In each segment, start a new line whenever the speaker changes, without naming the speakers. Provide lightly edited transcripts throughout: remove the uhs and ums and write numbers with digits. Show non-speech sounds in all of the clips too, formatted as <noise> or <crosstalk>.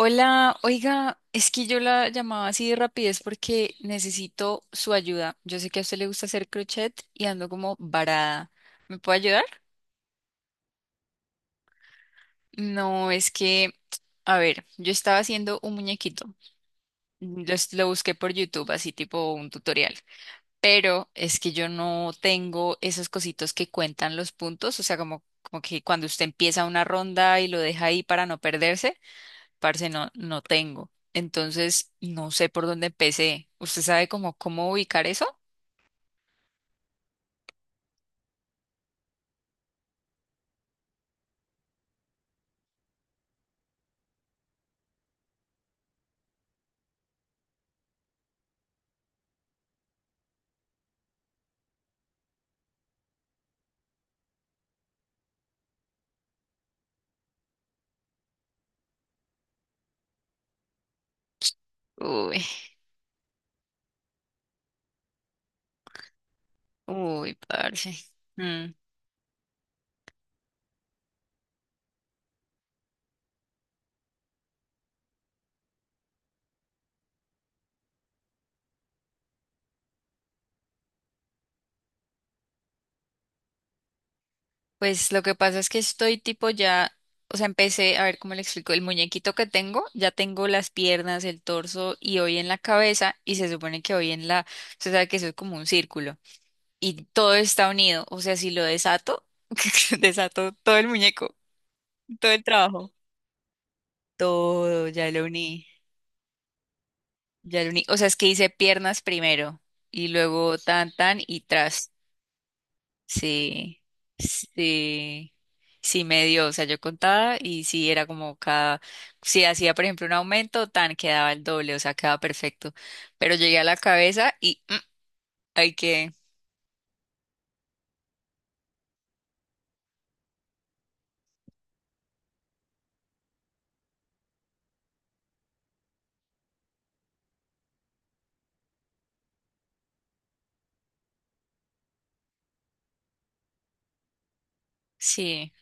Hola, oiga, es que yo la llamaba así de rapidez porque necesito su ayuda. Yo sé que a usted le gusta hacer crochet y ando como varada. ¿Me puede ayudar? No, es que, a ver, yo estaba haciendo un muñequito. Lo busqué por YouTube, así tipo un tutorial. Pero es que yo no tengo esos cositos que cuentan los puntos, o sea, como que cuando usted empieza una ronda y lo deja ahí para no perderse. Parce, no tengo. Entonces, no sé por dónde empecé. ¿Usted sabe cómo ubicar eso? Uy, <laughs> uy, parce. Mm, Pues lo que pasa es que estoy tipo ya, o sea, empecé, a ver cómo le explico, el muñequito que tengo, ya tengo las piernas, el torso y hoy en la cabeza y se supone que hoy en la, usted sabe que eso es como un círculo y todo está unido, o sea, si lo desato, <laughs> desato todo el muñeco, todo el trabajo, todo, ya lo uní. O sea, es que hice piernas primero y luego tan, tan y tras. Sí, sí, sí me dio, o sea, yo contaba y sí era si hacía por ejemplo un aumento, tan quedaba el doble, o sea, quedaba perfecto. Pero llegué a la cabeza y hay que, sí,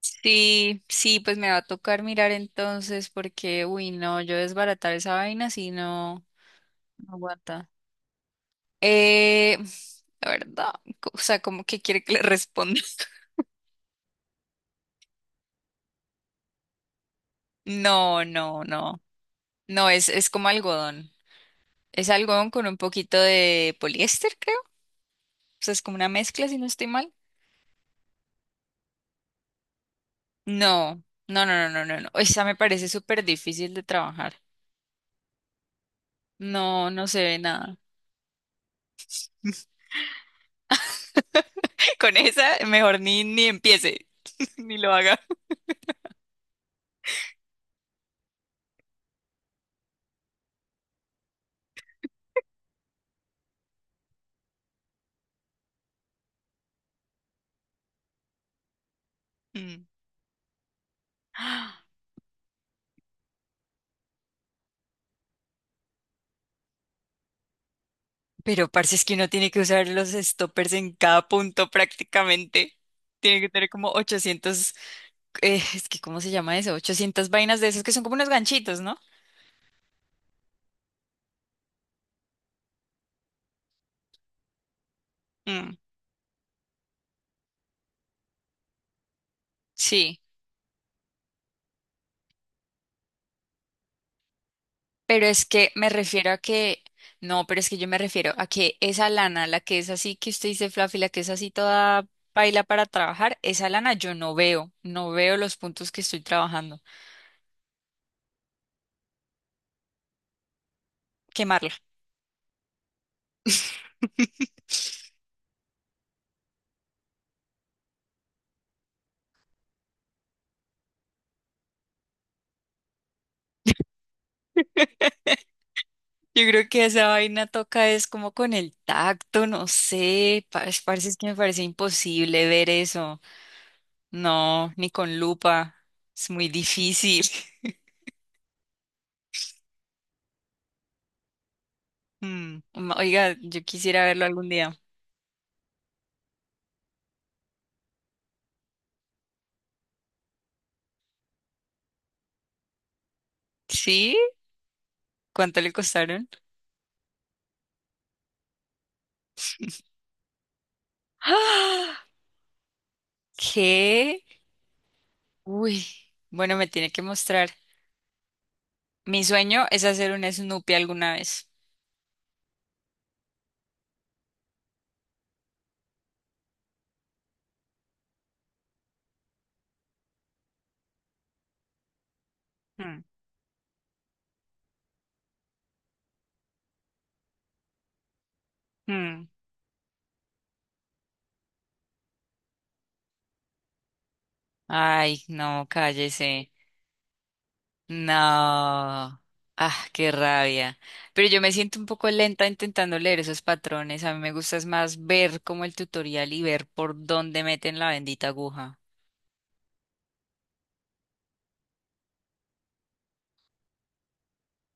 sí, sí, pues me va a tocar mirar entonces porque, uy, no, yo desbaratar esa vaina si no, no aguanta. Eh, la verdad, o sea, como que quiere que le responda. <laughs> No, no, no. No, es como algodón. Es algodón con un poquito de poliéster, creo. O sea, es como una mezcla, si no estoy mal. No, no, no, no, no, no, no. Esa me parece súper difícil de trabajar. No, no se ve nada. <laughs> Con esa, mejor ni empiece, <laughs> ni lo haga. Mm. Ah, pero parce, es que uno tiene que usar los stoppers en cada punto prácticamente. Tiene que tener como 800, es que ¿cómo se llama eso? 800 vainas de esas que son como unos ganchitos, ¿no? Mm, sí. Pero es que me refiero a que, no, Pero es que yo me refiero a que esa lana, la que es así que usted dice fluffy, la que es así toda paila para trabajar, esa lana yo no veo, no veo los puntos que estoy trabajando. Quemarla. <laughs> Yo creo que esa vaina toca es como con el tacto, no sé, pa- es- parece es que me parece imposible ver eso. No, ni con lupa, es muy difícil. <laughs> Mm, oiga, yo quisiera verlo algún día. ¿Sí? ¿Cuánto le costaron? <gasps> ¿Qué? Uy, bueno, me tiene que mostrar. Mi sueño es hacer un Snoopy alguna vez. Hmm, hmm. Ay, no, cállese. No. Ah, qué rabia. Pero yo me siento un poco lenta intentando leer esos patrones. A mí me gusta es más ver como el tutorial y ver por dónde meten la bendita aguja.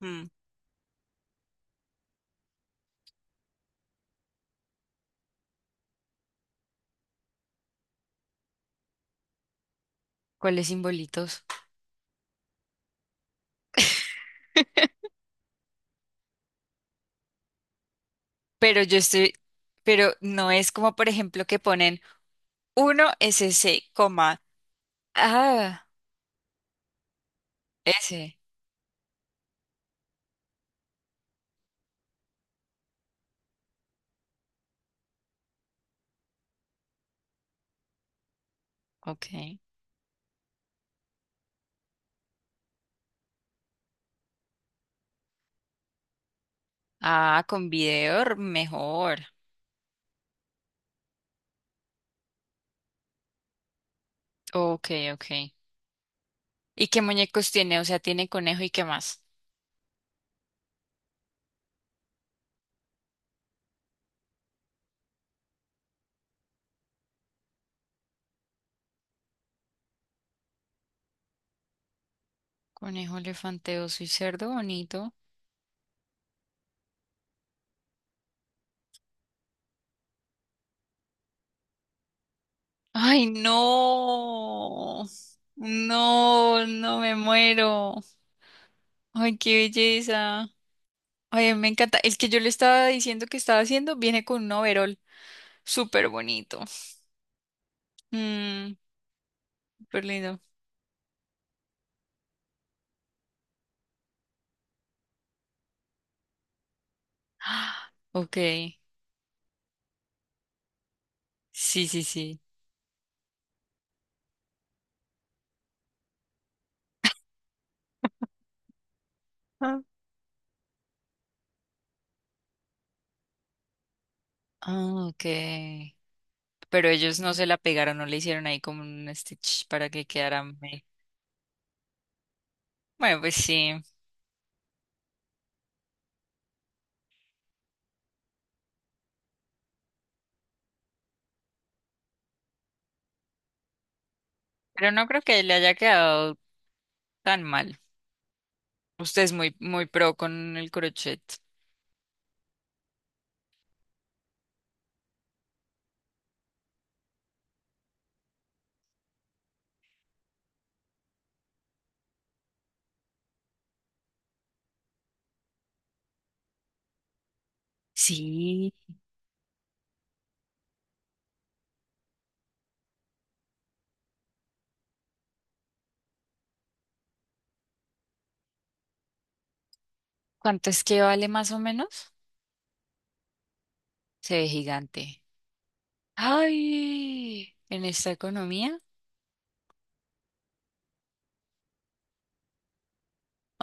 Hmm, ¿cuáles simbolitos? Pero yo estoy, pero no es como por ejemplo que ponen uno s SC, coma, ah, S. Ok. Ah, con video r- mejor. Ok, ok. ¿Y qué muñecos tiene? O sea, tiene conejo y qué más. Conejo, elefante, oso y cerdo bonito. Ay, no. No, no me muero. Ay, qué belleza. Ay, me encanta. El que yo le estaba diciendo que estaba haciendo viene con un overol. Súper bonito. Mm, súper lindo. <gasps> Ah, ok. Sí, sí, sí. Ah, ah, ok, pero ellos no se la pegaron, no le hicieron ahí como un stitch para que quedara. Bueno, pues sí, pero no creo que le haya quedado tan mal. Usted es muy, muy pro con el crochet. Sí, ¿cuánto es que vale más o menos? Se ve gigante. Ay, en esta economía.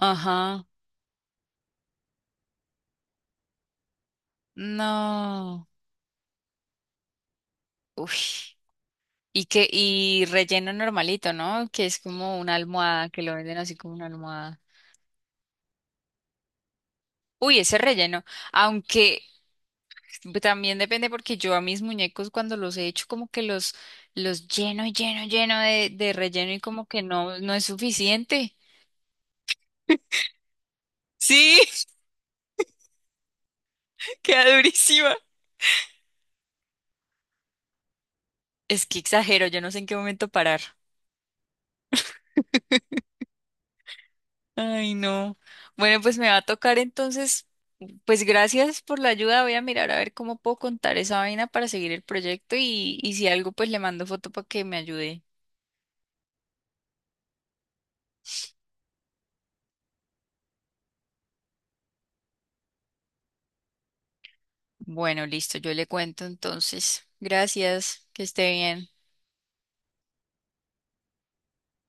Ajá, no. Uy. ¿Y que, y relleno normalito, no? Que es como una almohada, que lo venden así como una almohada. Uy, ese relleno. Aunque pues también depende porque yo a mis muñecos cuando los he hecho como que los lleno, lleno, lleno de relleno y como que no, no es suficiente. Sí, <laughs> queda durísima. Es que exagero, yo no sé en qué momento parar. Ay, no. Bueno, pues me va a tocar entonces, pues gracias por la ayuda. Voy a mirar a ver cómo puedo contar esa vaina para seguir el proyecto y si algo, pues le mando foto para que me ayude. Bueno, listo, yo le cuento entonces. Gracias, que esté bien.